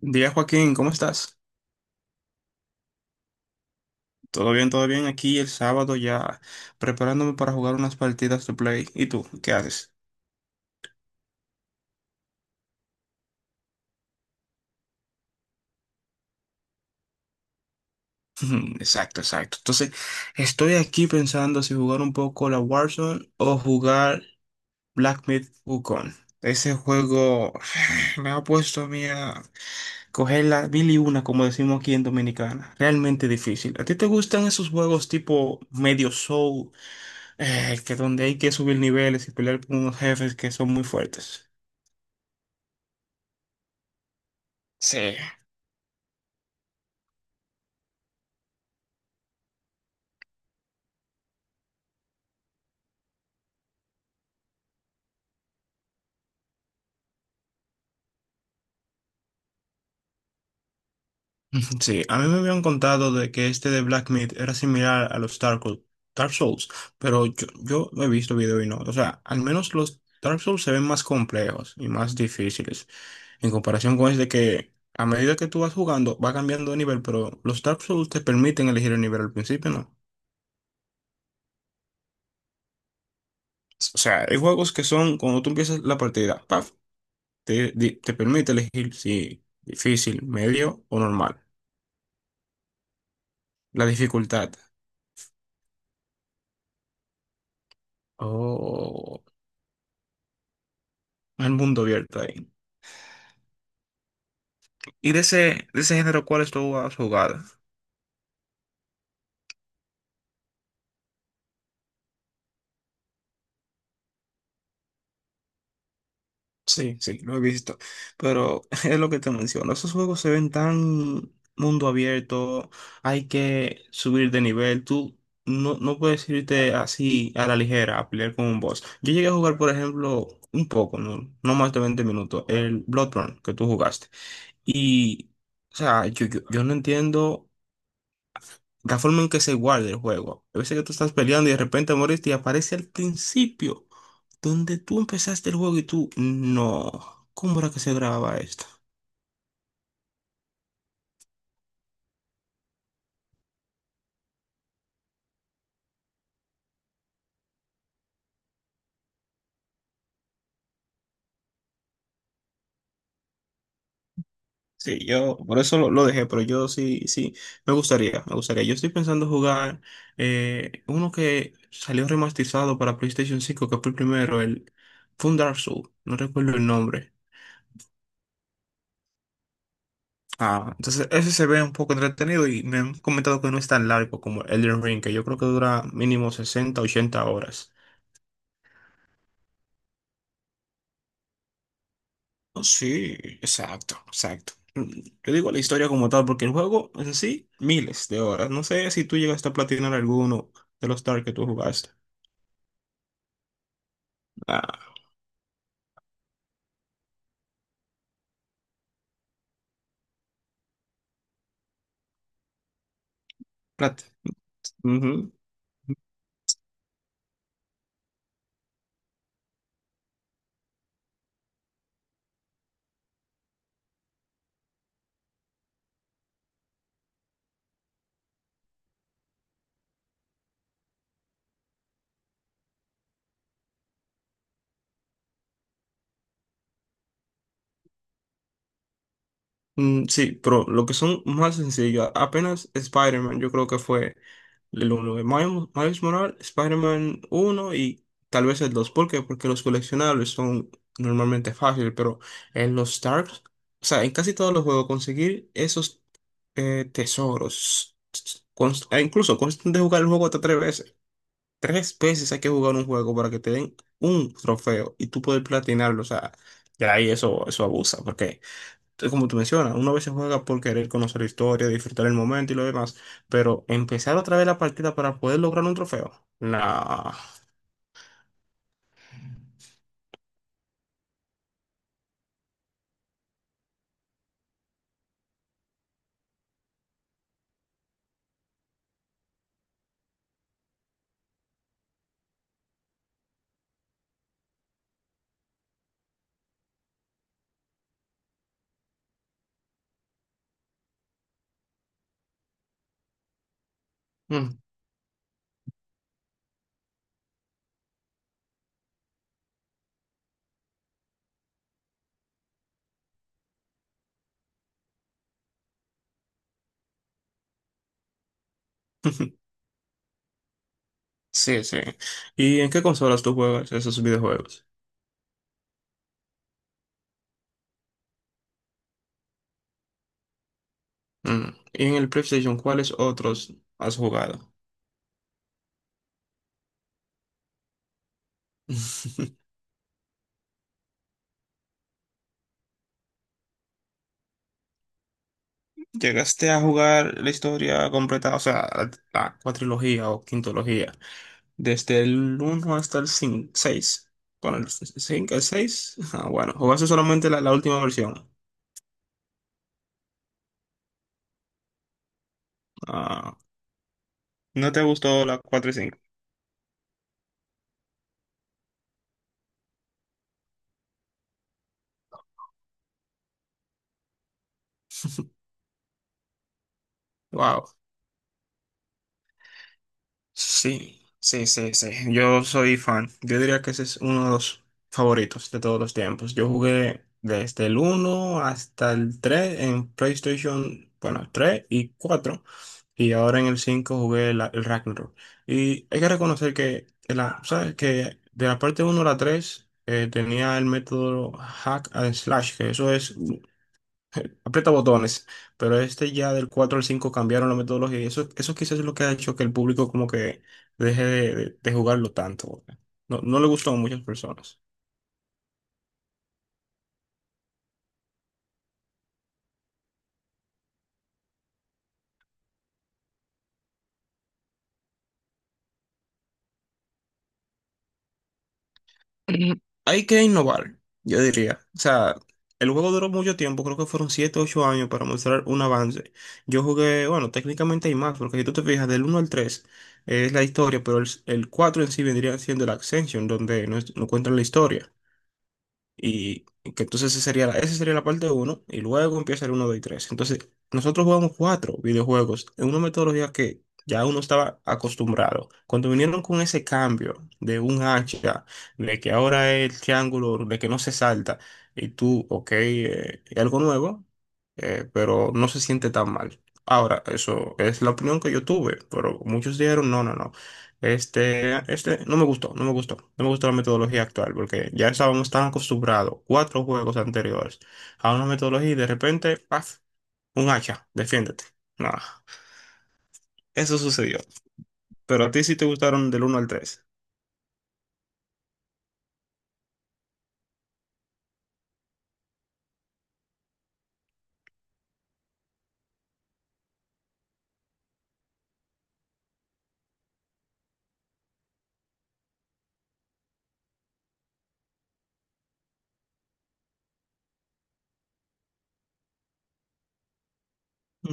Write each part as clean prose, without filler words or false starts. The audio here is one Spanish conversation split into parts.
Día Joaquín, ¿cómo estás? Todo bien, todo bien. Aquí el sábado ya preparándome para jugar unas partidas de play. ¿Y tú? ¿Qué haces? Exacto, exacto. Entonces, estoy aquí pensando si jugar un poco la Warzone o jugar Black Myth Wukong. Ese juego me ha puesto a mí a coger la mil y una, como decimos aquí en Dominicana. Realmente difícil. ¿A ti te gustan esos juegos tipo medio soul, que donde hay que subir niveles y pelear con unos jefes que son muy fuertes? Sí. Sí, a mí me habían contado de que este de Black Myth era similar a los Dark Souls, pero yo no he visto video y no. O sea, al menos los Dark Souls se ven más complejos y más difíciles en comparación con este que a medida que tú vas jugando va cambiando de nivel, pero los Dark Souls te permiten elegir el nivel al principio, ¿no? O sea, hay juegos que son cuando tú empiezas la partida, ¡paf! Te, te permite elegir si difícil, medio o normal. La dificultad. Oh. El mundo abierto ahí. ¿Y de ese género, cuáles tú has jugado? Sí, sí, lo he visto. Pero es lo que te menciono. Esos juegos se ven tan mundo abierto. Hay que subir de nivel. Tú no puedes irte así a la ligera a pelear con un boss. Yo llegué a jugar, por ejemplo, un poco, no más de 20 minutos, el Bloodborne que tú jugaste. Y, o sea, yo no entiendo la forma en que se guarda el juego. A veces que tú estás peleando y de repente moriste y aparece al principio, donde tú empezaste el juego y tú, no, ¿cómo era que se grababa esto? Sí, yo por eso lo dejé, pero yo sí, sí, me gustaría. Yo estoy pensando jugar uno que salió remasterizado para PlayStation 5, que fue el primero, el fue un Dark Souls, no recuerdo el nombre. Ah, entonces ese se ve un poco entretenido y me han comentado que no es tan largo como Elden Ring, que yo creo que dura mínimo 60, 80 horas. Oh, sí, exacto, exacto. Mm, yo digo la historia como tal, porque el juego en sí, miles de horas. No sé si tú llegaste a platinar alguno de los Dark que tú jugaste. Ah, plat. Mm, sí, pero lo que son más sencillas, apenas Spider-Man, yo creo que fue el uno de Miles Morales, Spider-Man 1 y tal vez el dos. ¿Por qué? Porque los coleccionables son normalmente fáciles, pero en los Starks, o sea, en casi todos los juegos conseguir esos tesoros, e incluso consta de jugar el juego hasta tres veces. Tres veces hay que jugar un juego para que te den un trofeo y tú puedes platinarlo, o sea, ya ahí eso abusa, porque entonces, como tú mencionas, uno a veces juega por querer conocer la historia, disfrutar el momento y lo demás, pero empezar otra vez la partida para poder lograr un trofeo. Nah. Mm. Sí, sí. ¿Y en qué consolas tú juegas esos videojuegos? Mm. ¿Y en el PlayStation, cuáles otros has jugado? ¿Llegaste a jugar la historia completa, o sea, la cuatrilogía o quintología, desde el uno hasta el cinco, seis? Bueno, el 5, el 6. Ah, bueno, jugaste solamente la última versión. Ah, ¿no te gustó la 4 y cinco? Wow. Sí, sí, sí, sí. Yo soy fan. Yo diría que ese es uno de los favoritos de todos los tiempos. Yo jugué desde el uno hasta el 3 en PlayStation, bueno, 3 y 4, y ahora en el 5 jugué el Ragnarok. Y hay que reconocer que, la, ¿sabes? Que de la parte uno a la 3 tenía el método hack and slash, que eso es aprieta botones, pero este ya del 4 al 5 cambiaron la metodología y eso quizás es lo que ha hecho que el público como que deje de, de jugarlo tanto. Porque no, no le gustó a muchas personas. Ujú. Hay que innovar, yo diría. O sea, el juego duró mucho tiempo, creo que fueron 7 o 8 años para mostrar un avance. Yo jugué, bueno, técnicamente hay más, porque si tú te fijas, del uno al 3 es la historia, pero el 4 en sí vendría siendo la Ascension, donde no, no cuentan la historia. Y que entonces esa sería la parte uno y luego empieza el uno 2 y tres. Entonces, nosotros jugamos cuatro videojuegos en una metodología que ya uno estaba acostumbrado. Cuando vinieron con ese cambio de un hacha, de que ahora es el triángulo, de que no se salta, y tú, ok, es algo nuevo, pero no se siente tan mal. Ahora, eso es la opinión que yo tuve, pero muchos dijeron, no, no, no. Este no me gustó, no me gustó, no me gustó la metodología actual porque ya estábamos tan acostumbrados, cuatro juegos anteriores, a una metodología y de repente, ¡paf! Un hacha, defiéndete. Nada. Eso sucedió. Pero a ti sí te gustaron del uno al tres.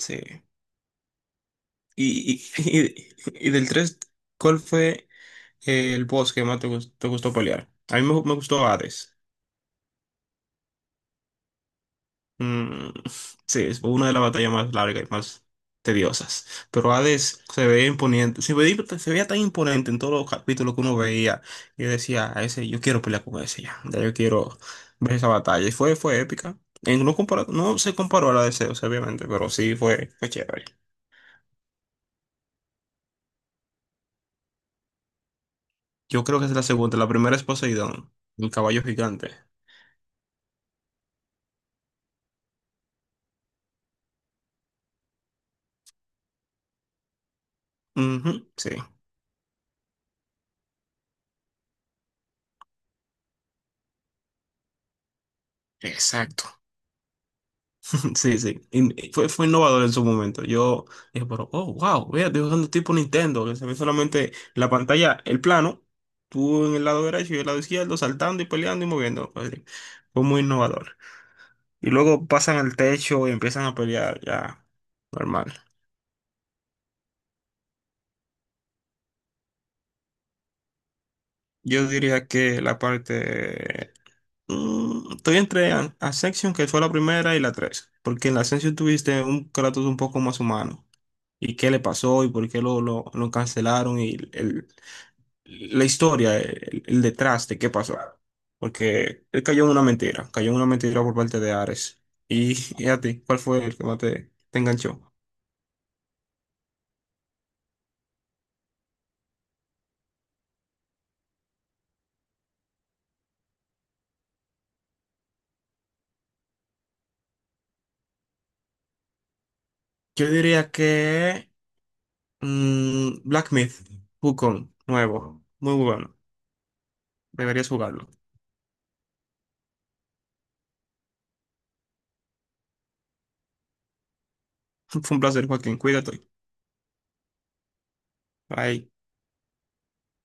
Sí. Y, y del 3, ¿cuál fue el boss que más te te gustó pelear? A mí me, me gustó Hades. Mm, sí, es una de las batallas más largas y más tediosas. Pero Hades se ve imponente, se veía tan imponente en todos los capítulos que uno veía. Yo decía, a ese, yo quiero pelear con ese ya, ya yo quiero ver esa batalla. Y fue, fue épica. No, no se comparó a la de Zeus, obviamente, pero sí fue, fue chévere. Yo creo que es la segunda, la primera es Poseidón, el caballo gigante. Ujú, sí, exacto. Sí, sí. Fue, fue innovador en su momento. Yo dije, pero, oh, wow, vea, estoy jugando tipo Nintendo, que se ve solamente la pantalla, el plano, tú en el lado derecho y el lado izquierdo, saltando y peleando y moviendo. Fue fue muy innovador. Y luego pasan al techo y empiezan a pelear, ya, normal. Yo diría que la parte... mm, estoy entre Ascension, que fue la primera, y la tres. Porque en la Ascension tuviste un Kratos un poco más humano y qué le pasó y por qué lo cancelaron y la historia, el detrás de qué pasó. Porque él cayó en una mentira, cayó en una mentira por parte de Ares. Y, a ti, ¿cuál fue el que más te, te enganchó? Yo diría que mm, Black Myth, Wukong, nuevo, muy bueno. Deberías jugarlo. Fue un placer, Joaquín. Cuídate. Bye.